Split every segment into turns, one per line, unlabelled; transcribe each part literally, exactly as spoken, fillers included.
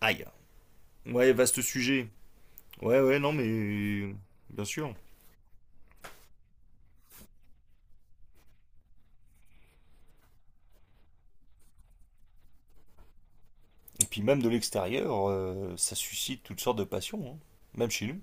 Aïe. Ouais, vaste sujet. Ouais, ouais, non, mais. Bien sûr. Et puis même de l'extérieur, euh, ça suscite toutes sortes de passions, hein. Même chez nous.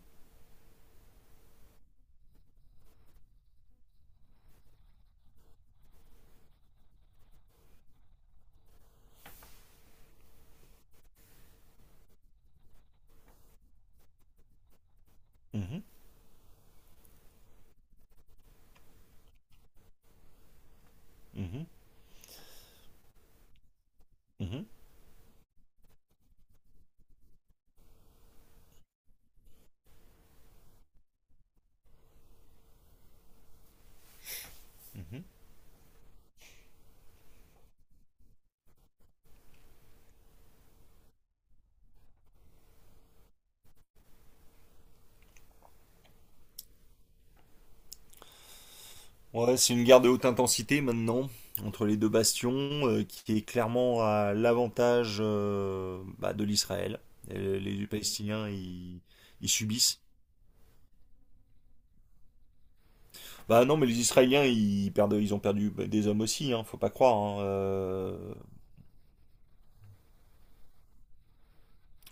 Mhm, mhm, mhm, mhm. Ouais, c'est une guerre de haute intensité maintenant, entre les deux bastions, euh, qui est clairement à l'avantage euh, bah, de l'Israël. Euh, Les Palestiniens, ils, ils subissent. Bah non, mais les Israéliens, ils perdent, ils ont perdu bah, des hommes aussi, hein, faut pas croire, hein. Euh,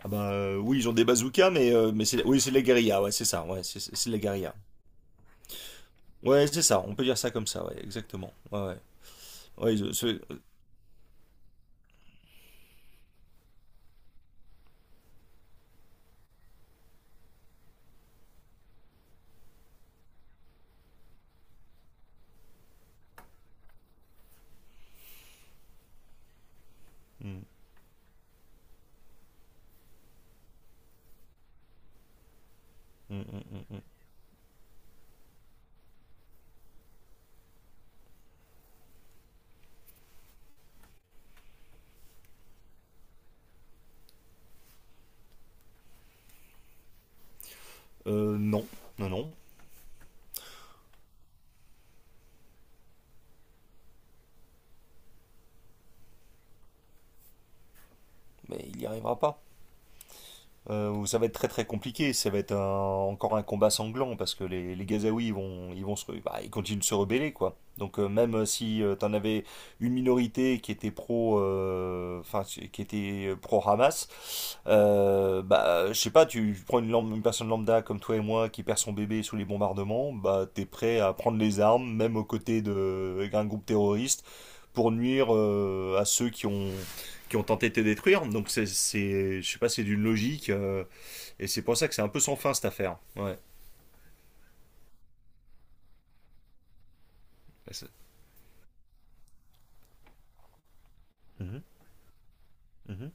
Ah bah euh, oui, ils ont des bazookas, mais, euh, mais c'est oui, c'est de la guérilla, ouais, c'est ça, ouais, c'est c'est c'est de la guérilla. Ouais, c'est ça, on peut dire ça comme ça, ouais, exactement. Ouais, ouais. Ouais, ils- euh, c'est- euh, hum, hum, hum, hum, hum. Euh, non, non, non, mais il n'y arrivera pas. Euh, où ça va être très très compliqué. Ça va être un- encore un combat sanglant parce que les, les Gazaouis ils vont, ils vont se, re- bah, ils continuent de se rebeller quoi. Donc euh, même euh, si tu t'en avais une minorité qui était pro, euh, enfin si, qui était pro Hamas, euh, bah, je sais pas, tu prends une, lam- une personne lambda comme toi et moi qui perd son bébé sous les bombardements, bah, t'es prêt à prendre les armes, même aux côtés de, d'un groupe terroriste, pour nuire euh, à ceux qui ont, qui ont tenté de te détruire. Donc c'est, c'est je sais pas, c'est d'une logique euh, et c'est pour ça que c'est un peu sans fin cette affaire. Ouais. Mhm, mhm.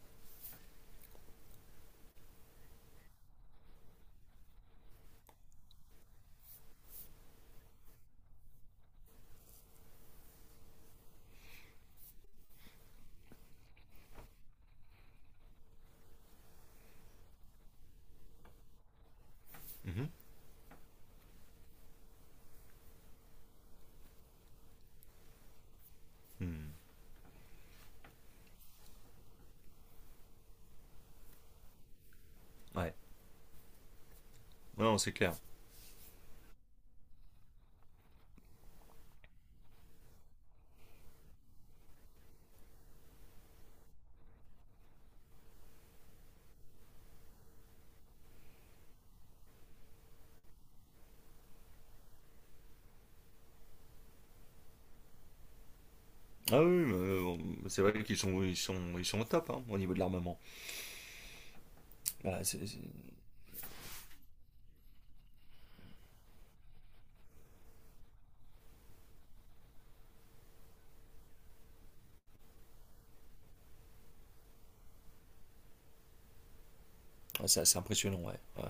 Mhm. Hmm. Ouais. Non, c'est clair. Ah oui, mais, euh, bon, c'est vrai qu'ils sont, ils sont, ils sont au top hein, au niveau de l'armement. Voilà, c'est c'est- ouais, c'est assez impressionnant, ouais, ouais.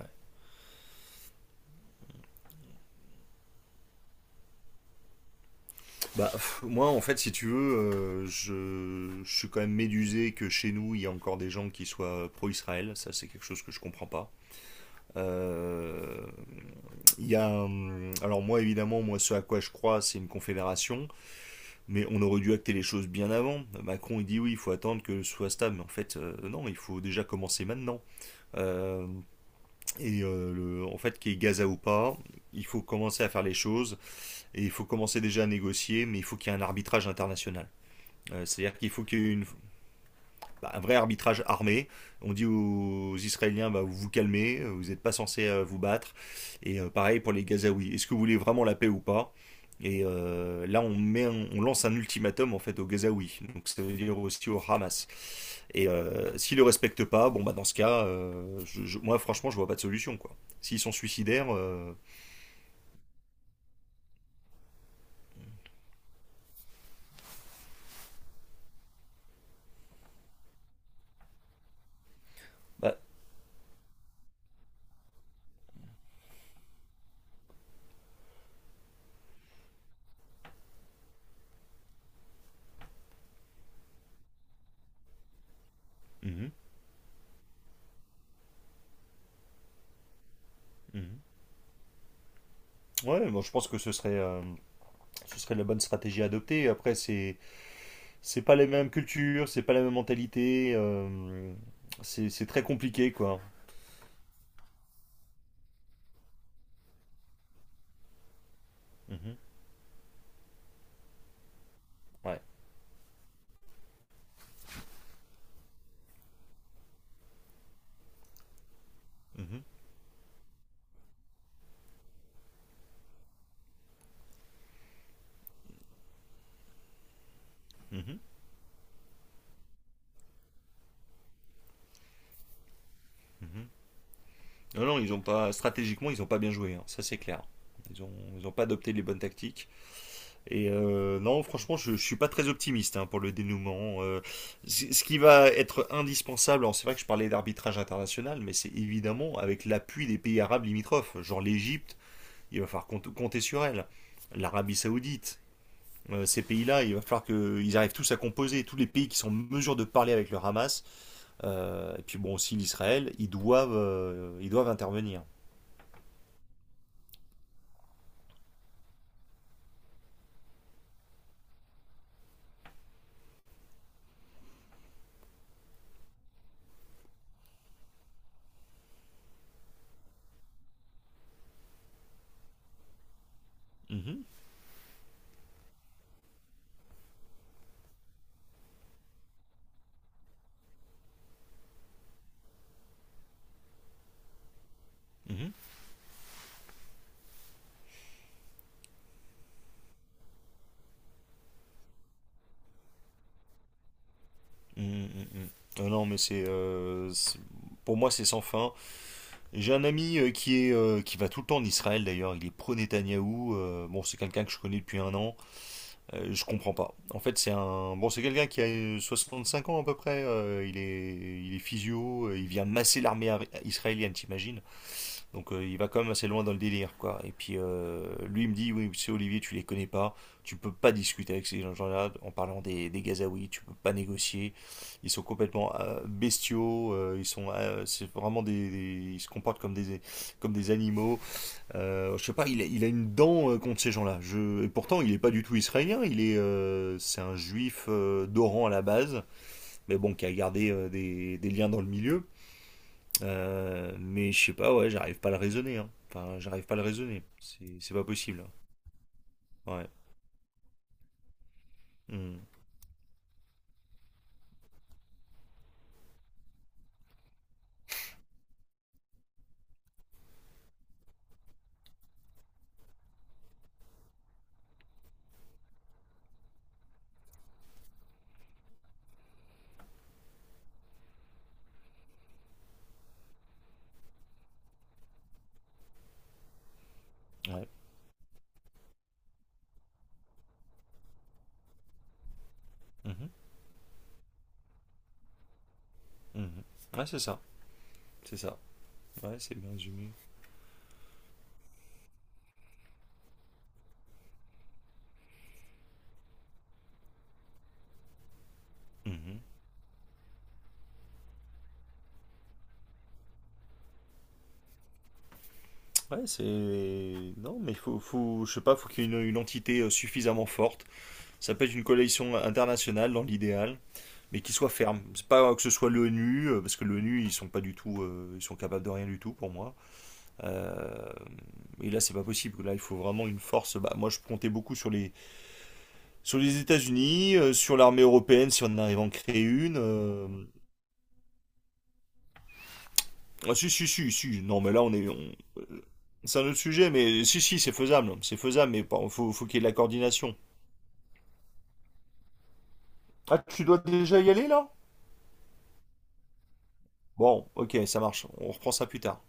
Bah, pff, moi, en fait, si tu veux, euh, je, je suis quand même médusé que chez nous, il y a encore des gens qui soient pro-Israël. Ça, c'est quelque chose que je comprends pas. Euh, il y a, hum, alors moi évidemment, moi ce à quoi je crois, c'est une confédération, mais on aurait dû acter les choses bien avant. Macron il dit oui, il faut attendre que ce soit stable, mais en fait euh, non, il faut déjà commencer maintenant. Euh, et euh, le- en fait, qu'il y ait Gaza ou pas, il faut commencer à faire les choses et il faut commencer déjà à négocier, mais il faut qu'il y ait un arbitrage international. Euh, C'est-à-dire qu'il faut qu'il y ait une, bah, un vrai arbitrage armé. On dit aux Israéliens, bah, vous vous calmez, vous n'êtes pas censés euh, vous battre. Et euh, pareil pour les Gazaouis. Est-ce que vous voulez vraiment la paix ou pas? Et euh, là, on, met un- on lance un ultimatum en fait aux Gazaouis. Donc ça veut dire aussi au Hamas. Et euh, s'ils ne le respectent pas, bon bah dans ce cas, euh, je- je- moi franchement, je vois pas de solution quoi. S'ils sont suicidaires, euh, bah. Mhm, mhm. Ouais, bon, je pense que ce serait, euh, ce serait la bonne stratégie à adopter. Après, c'est c'est pas les mêmes cultures, c'est pas la même mentalité, euh, c'est c'est très compliqué, quoi. Mhm. Ouais. Mhm. Mhm. Mhm. Non, non, ils ont pas, stratégiquement, ils ont pas bien joué, hein, ça c'est clair. Ils ont, ils ont pas adopté les bonnes tactiques. Et euh, non, franchement, je, je suis pas très optimiste hein, pour le dénouement. Euh, c- ce qui va être indispensable, alors c'est vrai que je parlais d'arbitrage international, mais c'est évidemment avec l'appui des pays arabes limitrophes, genre l'Égypte, il va falloir compte- compter sur elle. L'Arabie Saoudite. Euh, ces pays-là, il va falloir qu'ils arrivent tous à composer, tous les pays qui sont en mesure de parler avec le Hamas, euh, et puis bon aussi l'Israël, ils doivent, euh, ils doivent intervenir. Mhm, mhm, mhm, mhm. Euh, non, mais c'est, euh, c'est- pour moi c'est sans fin. J'ai un ami euh, qui est, euh, qui va tout le temps en Israël d'ailleurs. Il est pro Netanyahou. Euh, bon, c'est quelqu'un que je connais depuis un an. Euh, je comprends pas. En fait, c'est un, bon, c'est quelqu'un qui a euh, soixante-cinq ans à peu près. Euh, il est, il est physio. Euh, il vient masser l'armée ar- israélienne, t'imagines? Donc euh, il va quand même assez loin dans le délire, quoi. Et puis euh, lui il me dit, oui, c'est Olivier, tu les connais pas, tu peux pas discuter avec ces gens-là en parlant des, des Gazaouis, tu peux pas négocier. Ils sont complètement euh, bestiaux, euh, ils sont, euh, c'est vraiment des, des- ils se comportent comme des, comme des animaux. Euh, je sais pas, il a, il a une dent euh, contre ces gens-là. Je, et pourtant il est pas du tout israélien, il est, euh, c'est un juif euh, d'Oran à la base, mais bon qui a gardé euh, des, des liens dans le milieu. Euh, mais je sais pas, ouais, j'arrive pas à le raisonner, hein. Enfin, j'arrive pas à le raisonner. C'est c'est pas possible. Ouais. Mm. Ouais. Mhm. Mhm. Ouais, c'est ça. C'est ça. Ouais, c'est bien résumé. Mhm. Ouais, c'est. Non, mais faut, faut je sais pas, faut qu'il y ait une, une entité euh, suffisamment forte. Ça peut être une coalition internationale dans l'idéal, mais qui soit ferme. C'est pas euh, que ce soit l'ONU, euh, parce que l'ONU, ils sont pas du tout, euh, ils sont capables de rien du tout pour moi. Euh, et là, c'est pas possible. Là, il faut vraiment une force. Bah, moi, je comptais beaucoup sur les Sur les États-Unis, euh, sur l'armée européenne, si on arrive à en créer une. euh, Ah si si si si. Non mais là on est. on- euh, C'est un autre sujet, mais si si c'est faisable, c'est faisable, mais par- faut faut qu'il y ait de la coordination. Ah tu dois déjà y aller là? Bon, ok, ça marche. On reprend ça plus tard.